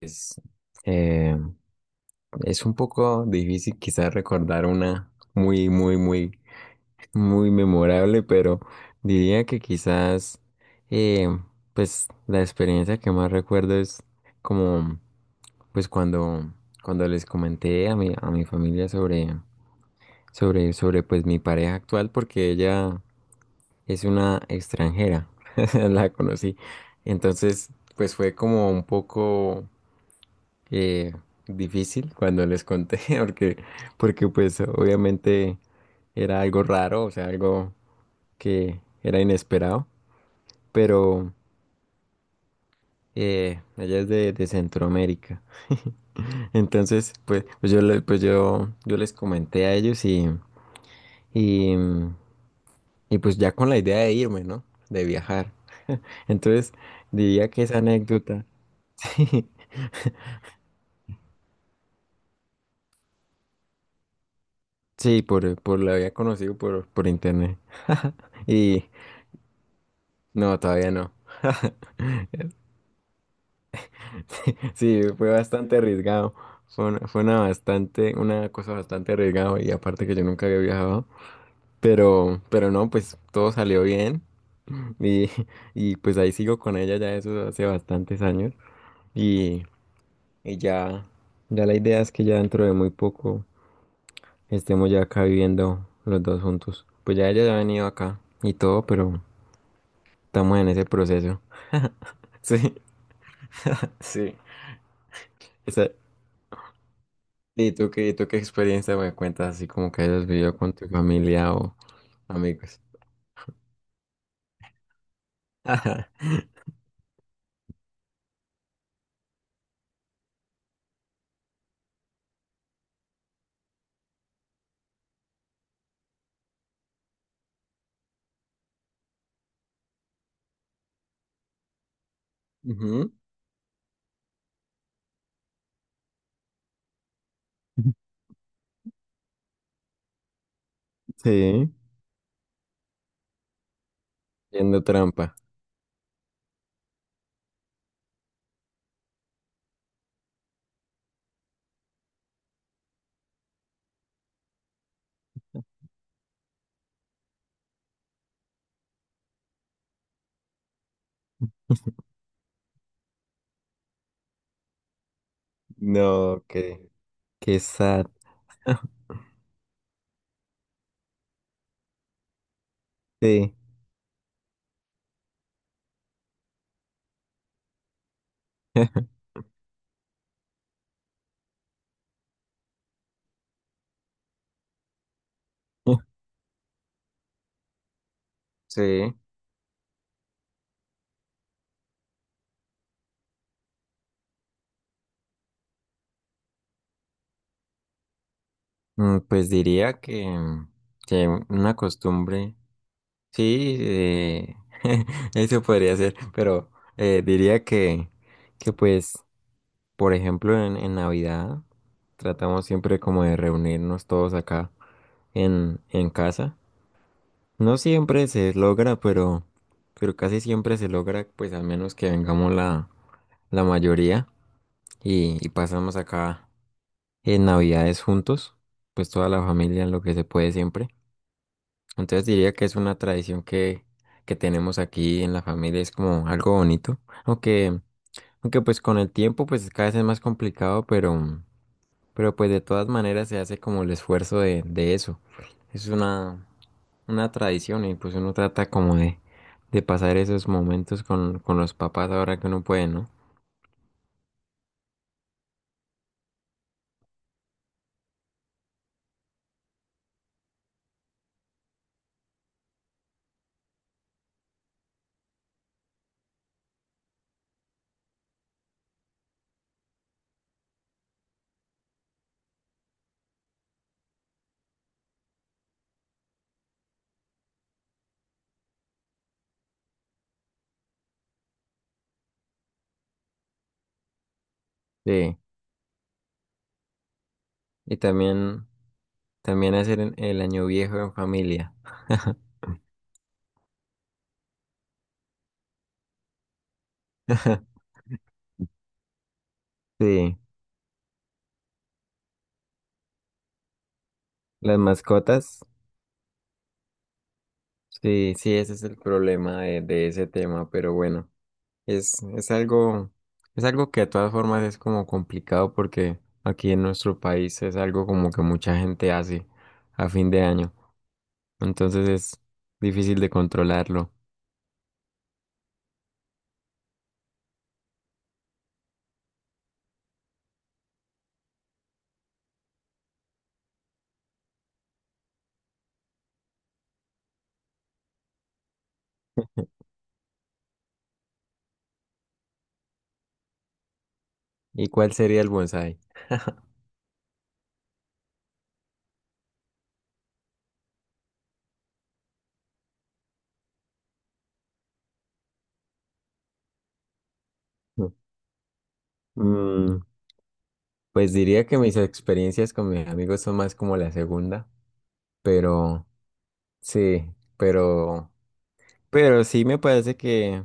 Es, eh, es un poco difícil quizás recordar una muy memorable, pero diría que quizás, eh, pues la experiencia que más recuerdo es como, pues cuando les comenté a a mi familia sobre, pues mi pareja actual, porque ella es una extranjera, la conocí. Entonces, pues fue como un poco eh, difícil cuando les conté, porque, porque pues obviamente era algo raro, o sea, algo que era inesperado, pero ella es de Centroamérica. Entonces, pues pues yo les comenté a ellos y, y pues ya con la idea de irme, ¿no? De viajar. Entonces, diría que esa anécdota, sí, sí, por la había conocido por internet. Y no, todavía no. Sí, fue bastante arriesgado. Fue una bastante, una cosa bastante arriesgada y aparte que yo nunca había viajado. Pero no, pues todo salió bien y, y pues ahí sigo con ella ya eso hace bastantes años y, y ya la idea es que ya dentro de muy poco estemos ya acá viviendo los dos juntos. Pues ya ella ya ha venido acá y todo, pero estamos en ese proceso. Sí, sí. Esa- ¿Y tú qué experiencia me cuentas así como que hayas vivido con tu familia amigos. Ujú, sí. Yendo trampa. No, qué, qué sad. Sí. Sí, mm, pues diría que una costumbre, sí, eso podría ser, pero diría que pues, por ejemplo, en Navidad tratamos siempre como de reunirnos todos acá en casa. No siempre se logra, pero casi siempre se logra, pues al menos que vengamos la mayoría y pasamos acá en Navidades juntos, pues toda la familia en lo que se puede siempre. Entonces diría que es una tradición que tenemos aquí en la familia, es como algo bonito, aunque, aunque pues con el tiempo pues cada vez es más complicado, pero pues de todas maneras se hace como el esfuerzo de eso. Es una, una tradición y pues uno trata como de pasar esos momentos con los papás ahora que uno puede, ¿no? Sí, y también, también hacer en- el año viejo en familia. Sí, las mascotas, sí, sí, ese es el problema de ese tema, pero bueno, es, es algo, es algo que de todas formas es como complicado porque aquí en nuestro país es algo como que mucha gente hace a fin de año, entonces es difícil de controlarlo. ¿Y cuál sería el bonsái? Mm, pues diría que mis experiencias con mis amigos son más como la segunda, pero sí, pero... Pero sí me parece que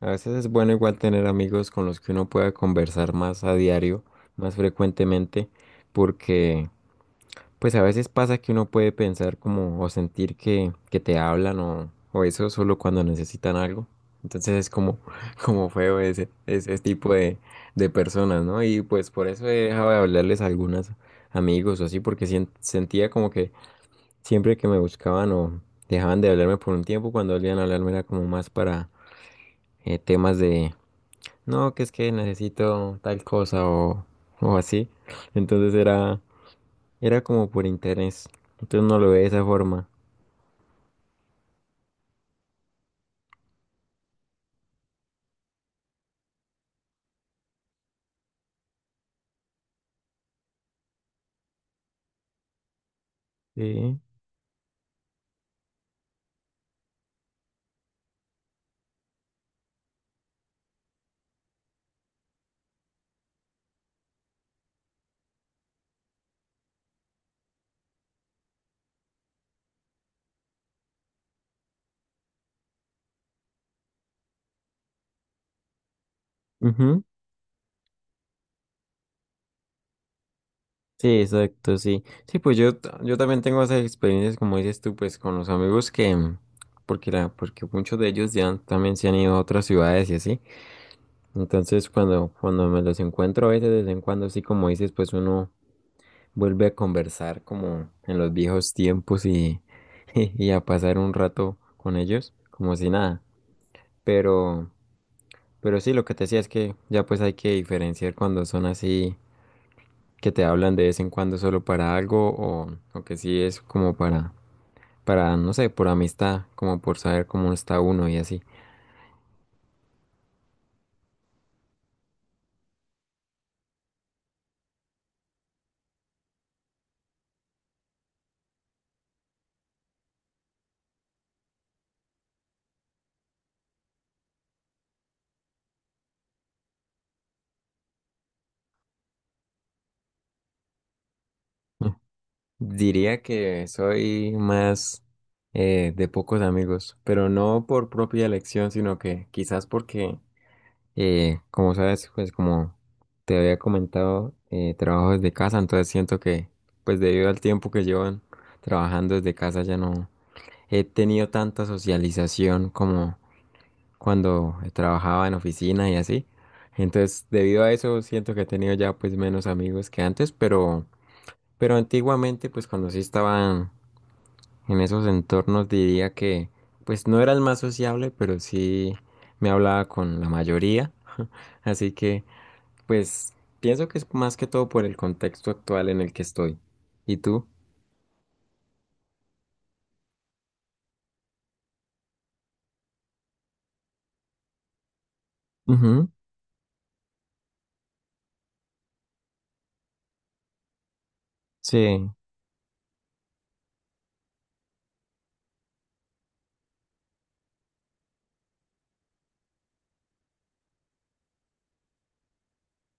a veces es bueno igual tener amigos con los que uno pueda conversar más a diario, más frecuentemente, porque pues a veces pasa que uno puede pensar como o sentir que te hablan o eso solo cuando necesitan algo. Entonces es como, como feo ese tipo de personas, ¿no? Y pues por eso he dejado de hablarles a algunos amigos o así, porque sien- sentía como que siempre que me buscaban o dejaban de hablarme por un tiempo, cuando volvían a hablarme era como más para temas de, no, que es que necesito tal cosa o así. Entonces era como por interés. Entonces no lo ve de esa forma. Sí. Ujú. Sí, exacto, sí. Sí, pues yo también tengo esas experiencias, como dices tú, pues con los amigos que, mm, porque, la, porque muchos de ellos ya han- también se han ido a otras ciudades y así. Entonces cuando me los encuentro a veces, de vez en cuando, sí, como dices, pues uno vuelve a conversar como en los viejos tiempos y, y a pasar un rato con ellos, como si nada. Pero, pero sí, lo que te decía es que ya pues hay que diferenciar cuando son así, que te hablan de vez en cuando solo para algo o que sí es como para, no sé, por amistad, como por saber cómo está uno y así. Diría que soy más de pocos amigos, pero no por propia elección, sino que quizás porque eh, como sabes, pues como te había comentado, trabajo desde casa, entonces siento que, pues debido al tiempo que llevo en- trabajando desde casa, ya no he tenido tanta socialización como cuando trabajaba en oficina y así. Entonces, debido a eso, siento que he tenido ya pues menos amigos que antes, pero antiguamente, pues cuando sí estaba en esos entornos, diría que, pues no era el más sociable, pero sí me hablaba con la mayoría. Así que... Pues pienso que es más que todo por el contexto actual en el que estoy. ¿Y tú? Ujú, sí,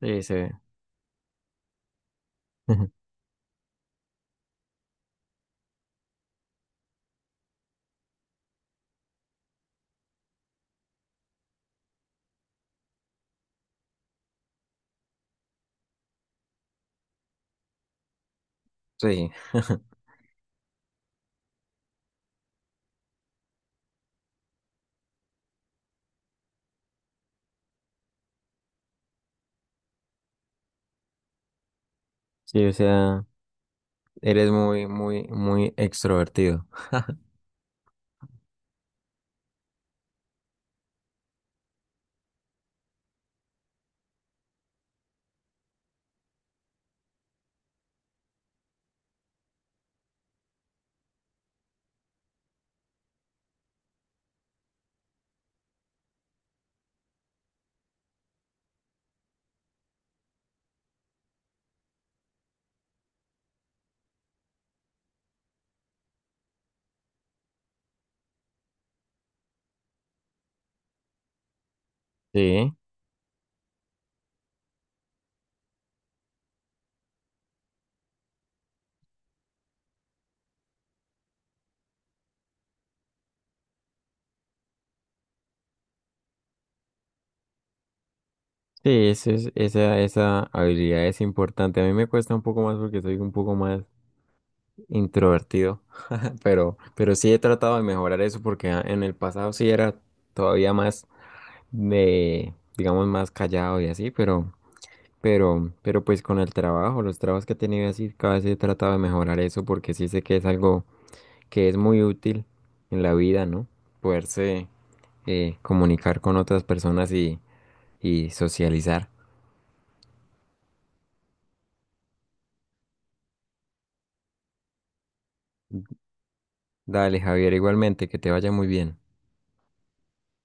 sí, sí. Sí, sí, o sea, eres muy extrovertido. Sí, sí, eso es- esa habilidad es importante. A mí me cuesta un poco más porque soy un poco más introvertido, pero sí he tratado de mejorar eso porque a- en el pasado sí era todavía más de, digamos, más callado y así, pero... pero pues con el trabajo, los trabajos que he tenido así, cada vez he tratado de mejorar eso porque sí sé que es algo que es muy útil en la vida, ¿no? Poderse comunicar con otras personas y socializar. Dale, Javier, igualmente, que te vaya muy bien.